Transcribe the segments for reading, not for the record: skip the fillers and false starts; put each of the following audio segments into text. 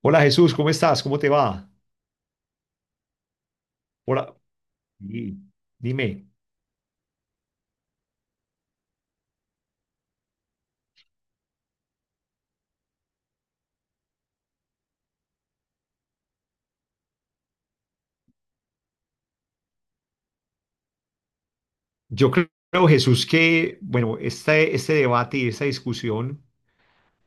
Hola Jesús, ¿cómo estás? ¿Cómo te va? Hola. Sí, dime. Yo creo, Jesús, que, bueno, este debate y esta discusión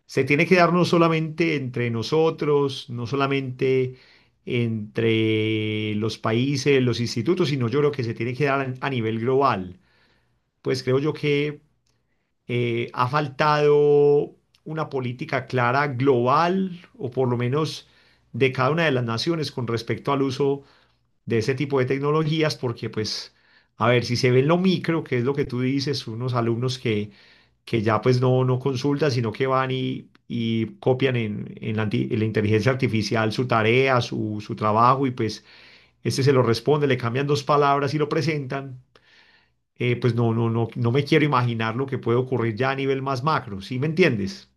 se tiene que dar no solamente entre nosotros, no solamente entre los países, los institutos, sino yo creo que se tiene que dar a nivel global. Pues creo yo que ha faltado una política clara global, o por lo menos de cada una de las naciones con respecto al uso de ese tipo de tecnologías, porque pues, a ver, si se ve en lo micro, que es lo que tú dices, unos alumnos que ya pues no, no consultan, sino que van y copian en, en la inteligencia artificial su tarea, su trabajo, y pues este se lo responde, le cambian dos palabras y lo presentan. Pues no, no, no, no me quiero imaginar lo que puede ocurrir ya a nivel más macro, ¿sí me entiendes?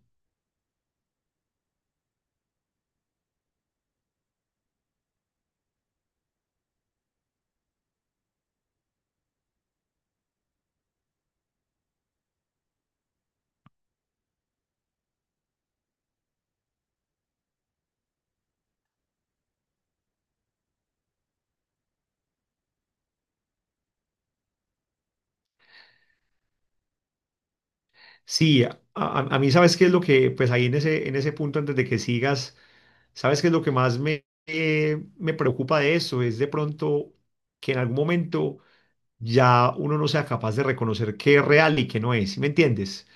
Sí, a mí, sabes qué es lo que, pues ahí en ese punto, antes de que sigas. ¿Sabes qué es lo que más me, me preocupa de eso? Es de pronto que en algún momento ya uno no sea capaz de reconocer qué es real y qué no es, ¿sí me entiendes?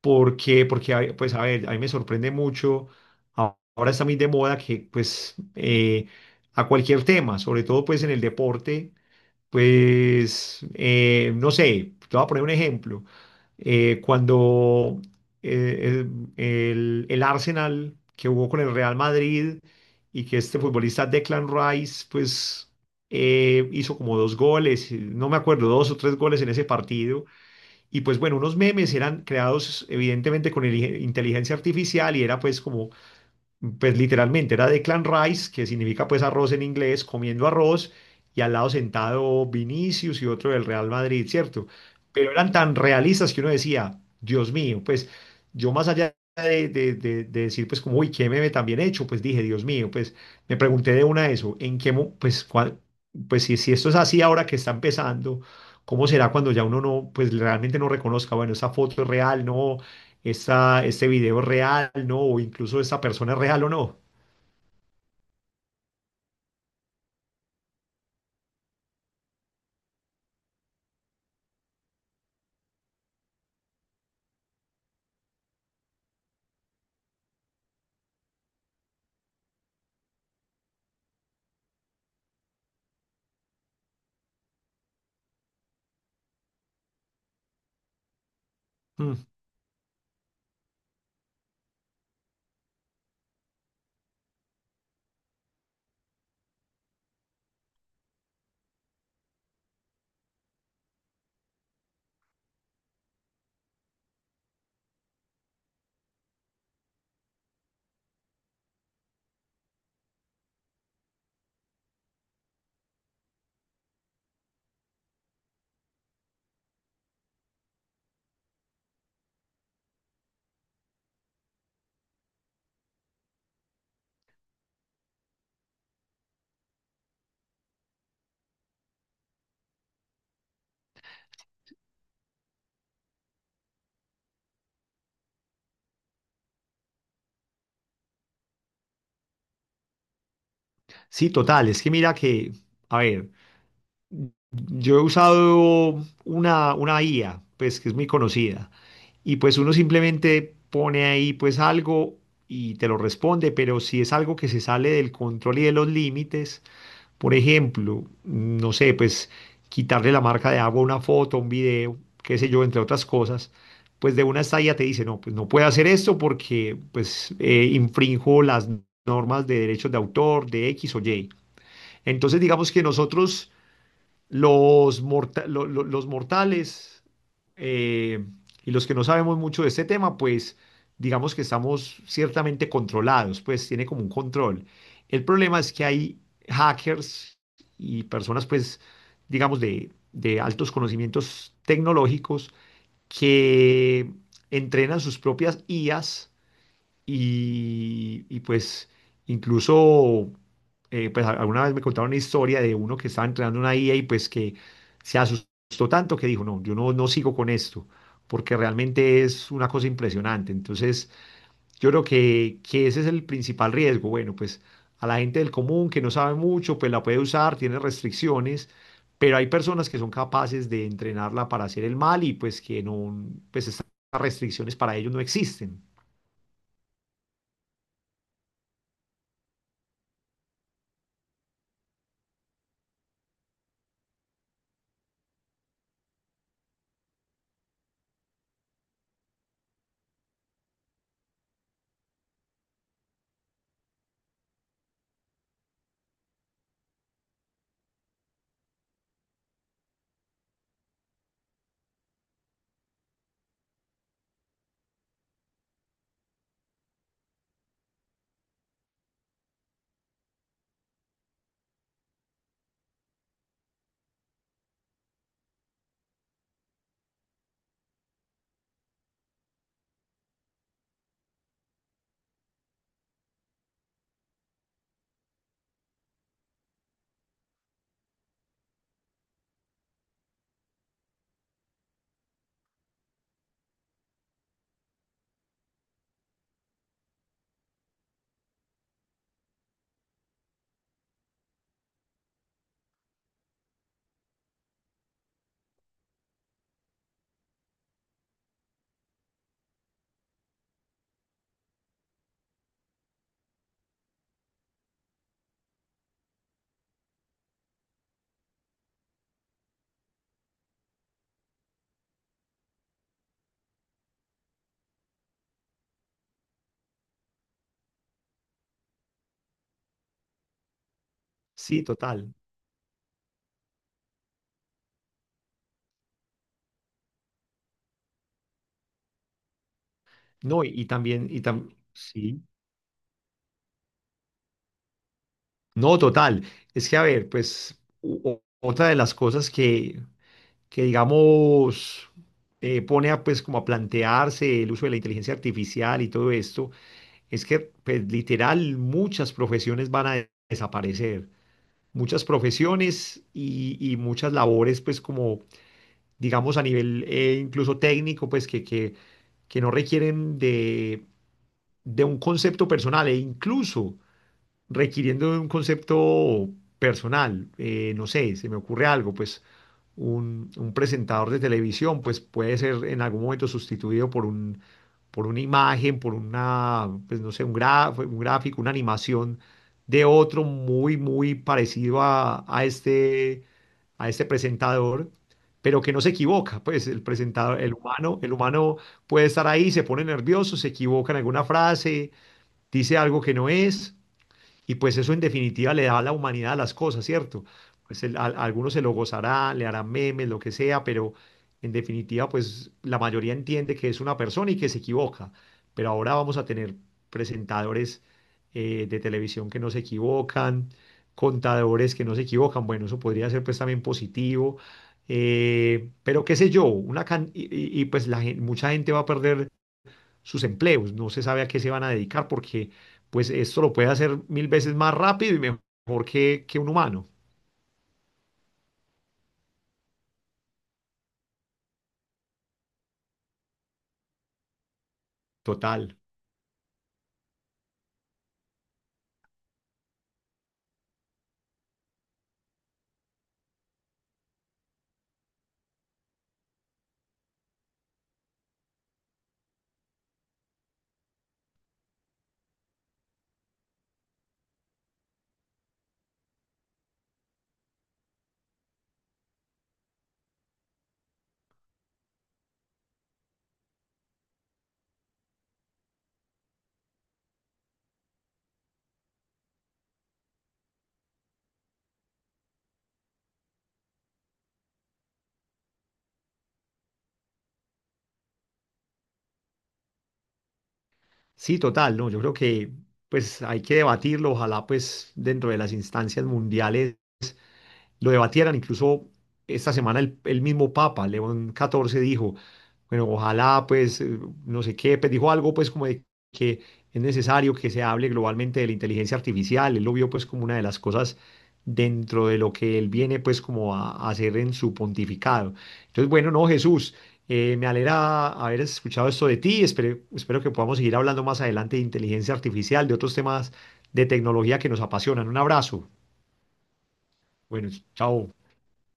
Hay- pues a ver, a mí me sorprende mucho, a- ahora está muy de moda que pues a cualquier tema, sobre todo pues en el deporte, pues, no sé, te voy a poner un ejemplo. Eh, cuando eh, eh, el, el Arsenal que jugó con el Real Madrid y que este futbolista Declan Rice, pues hizo como dos goles, no me acuerdo, dos o tres goles en ese partido. Y pues bueno, unos memes eran creados evidentemente con el- inteligencia artificial y era pues como, pues literalmente era de Clan Rice, que significa pues arroz en inglés, comiendo arroz, y al lado sentado Vinicius y otro del Real Madrid, ¿cierto? Pero eran tan realistas que uno decía, Dios mío, pues yo más allá de, de decir pues como, uy, qué meme tan bien hecho, pues dije, Dios mío, pues me pregunté de una eso, ¿en qué, mo- pues, cuál, pues si, si esto es así ahora que está empezando? ¿Cómo será cuando ya uno no, pues realmente no reconozca, bueno, esa foto es real, no, esa, ese video es real, ¿no? O incluso esa persona es real o no. Mm. Sí, total, es que mira que, a ver, yo he usado una IA, pues que es muy conocida, y pues uno simplemente pone ahí pues algo y te lo responde, pero si es algo que se sale del control y de los límites, por ejemplo, no sé, pues quitarle la marca de agua a una foto, a un video, qué sé yo, entre otras cosas, pues de una estadía te dice, no, pues no puede hacer esto porque pues infrinjo las normas de derechos de autor, de X o Y. Entonces digamos que nosotros los mortales, eh, y los que no sabemos mucho de este tema, pues digamos que estamos ciertamente controlados, pues tiene como un control. El problema es que hay hackers y personas, pues, digamos, de altos conocimientos tecnológicos que entrenan sus propias IAs pues incluso pues a- alguna vez me contaron una historia de uno que estaba entrenando una IA y pues que se asustó tanto que dijo, no, yo no, no sigo con esto, porque realmente es una cosa impresionante. Entonces, yo creo que ese es el principal riesgo. Bueno, pues a la gente del común que no sabe mucho, pues la puede usar, tiene restricciones. Pero hay personas que son capaces de entrenarla para hacer el mal y pues que no, pues estas restricciones para ellos no existen. Sí, total. No, y también, y tam- sí, no, total. Es que, a ver, pues u- o- otra de las cosas que digamos, pone a, pues como a plantearse el uso de la inteligencia artificial y todo esto, es que, pues literal, muchas profesiones van a de- desaparecer. Muchas profesiones y muchas labores, pues como, digamos, a nivel incluso técnico, pues que no requieren de un concepto personal e incluso... requiriendo de un concepto personal. No sé, se me ocurre algo, pues un presentador de televisión, pues puede ser en algún momento sustituido por un, por una imagen, por una, pues no sé, un gra- un gráfico, una animación de otro muy, muy parecido a este presentador, pero que no se equivoca, pues el presentador, el humano puede estar ahí, se pone nervioso, se equivoca en alguna frase, dice algo que no es, y pues eso en definitiva le da a la humanidad a las cosas, ¿cierto? Pues el- a algunos se lo gozará, le harán memes, lo que sea, pero en definitiva pues la mayoría entiende que es una persona y que se equivoca. Pero ahora vamos a tener presentadores de televisión que no se equivocan, contadores que no se equivocan. Bueno, eso podría ser pues también positivo. Pero qué sé yo, una can- pues la gen- mucha gente va a perder sus empleos. No se sabe a qué se van a dedicar porque pues esto lo puede hacer mil veces más rápido y mejor que un humano. Total. Sí, total, no, yo creo que pues hay que debatirlo, ojalá pues dentro de las instancias mundiales lo debatieran. Incluso esta semana el mismo Papa, León XIV, dijo, bueno, ojalá, pues, no sé qué, pues dijo algo, pues, como de que es necesario que se hable globalmente de la inteligencia artificial. Él lo vio, pues, como una de las cosas dentro de lo que él viene, pues, como a hacer en su pontificado. Entonces, bueno, no, Jesús, me alegra haber escuchado esto de ti. Espero, espero que podamos seguir hablando más adelante de inteligencia artificial, de otros temas de tecnología que nos apasionan. Un abrazo. Bueno, chao.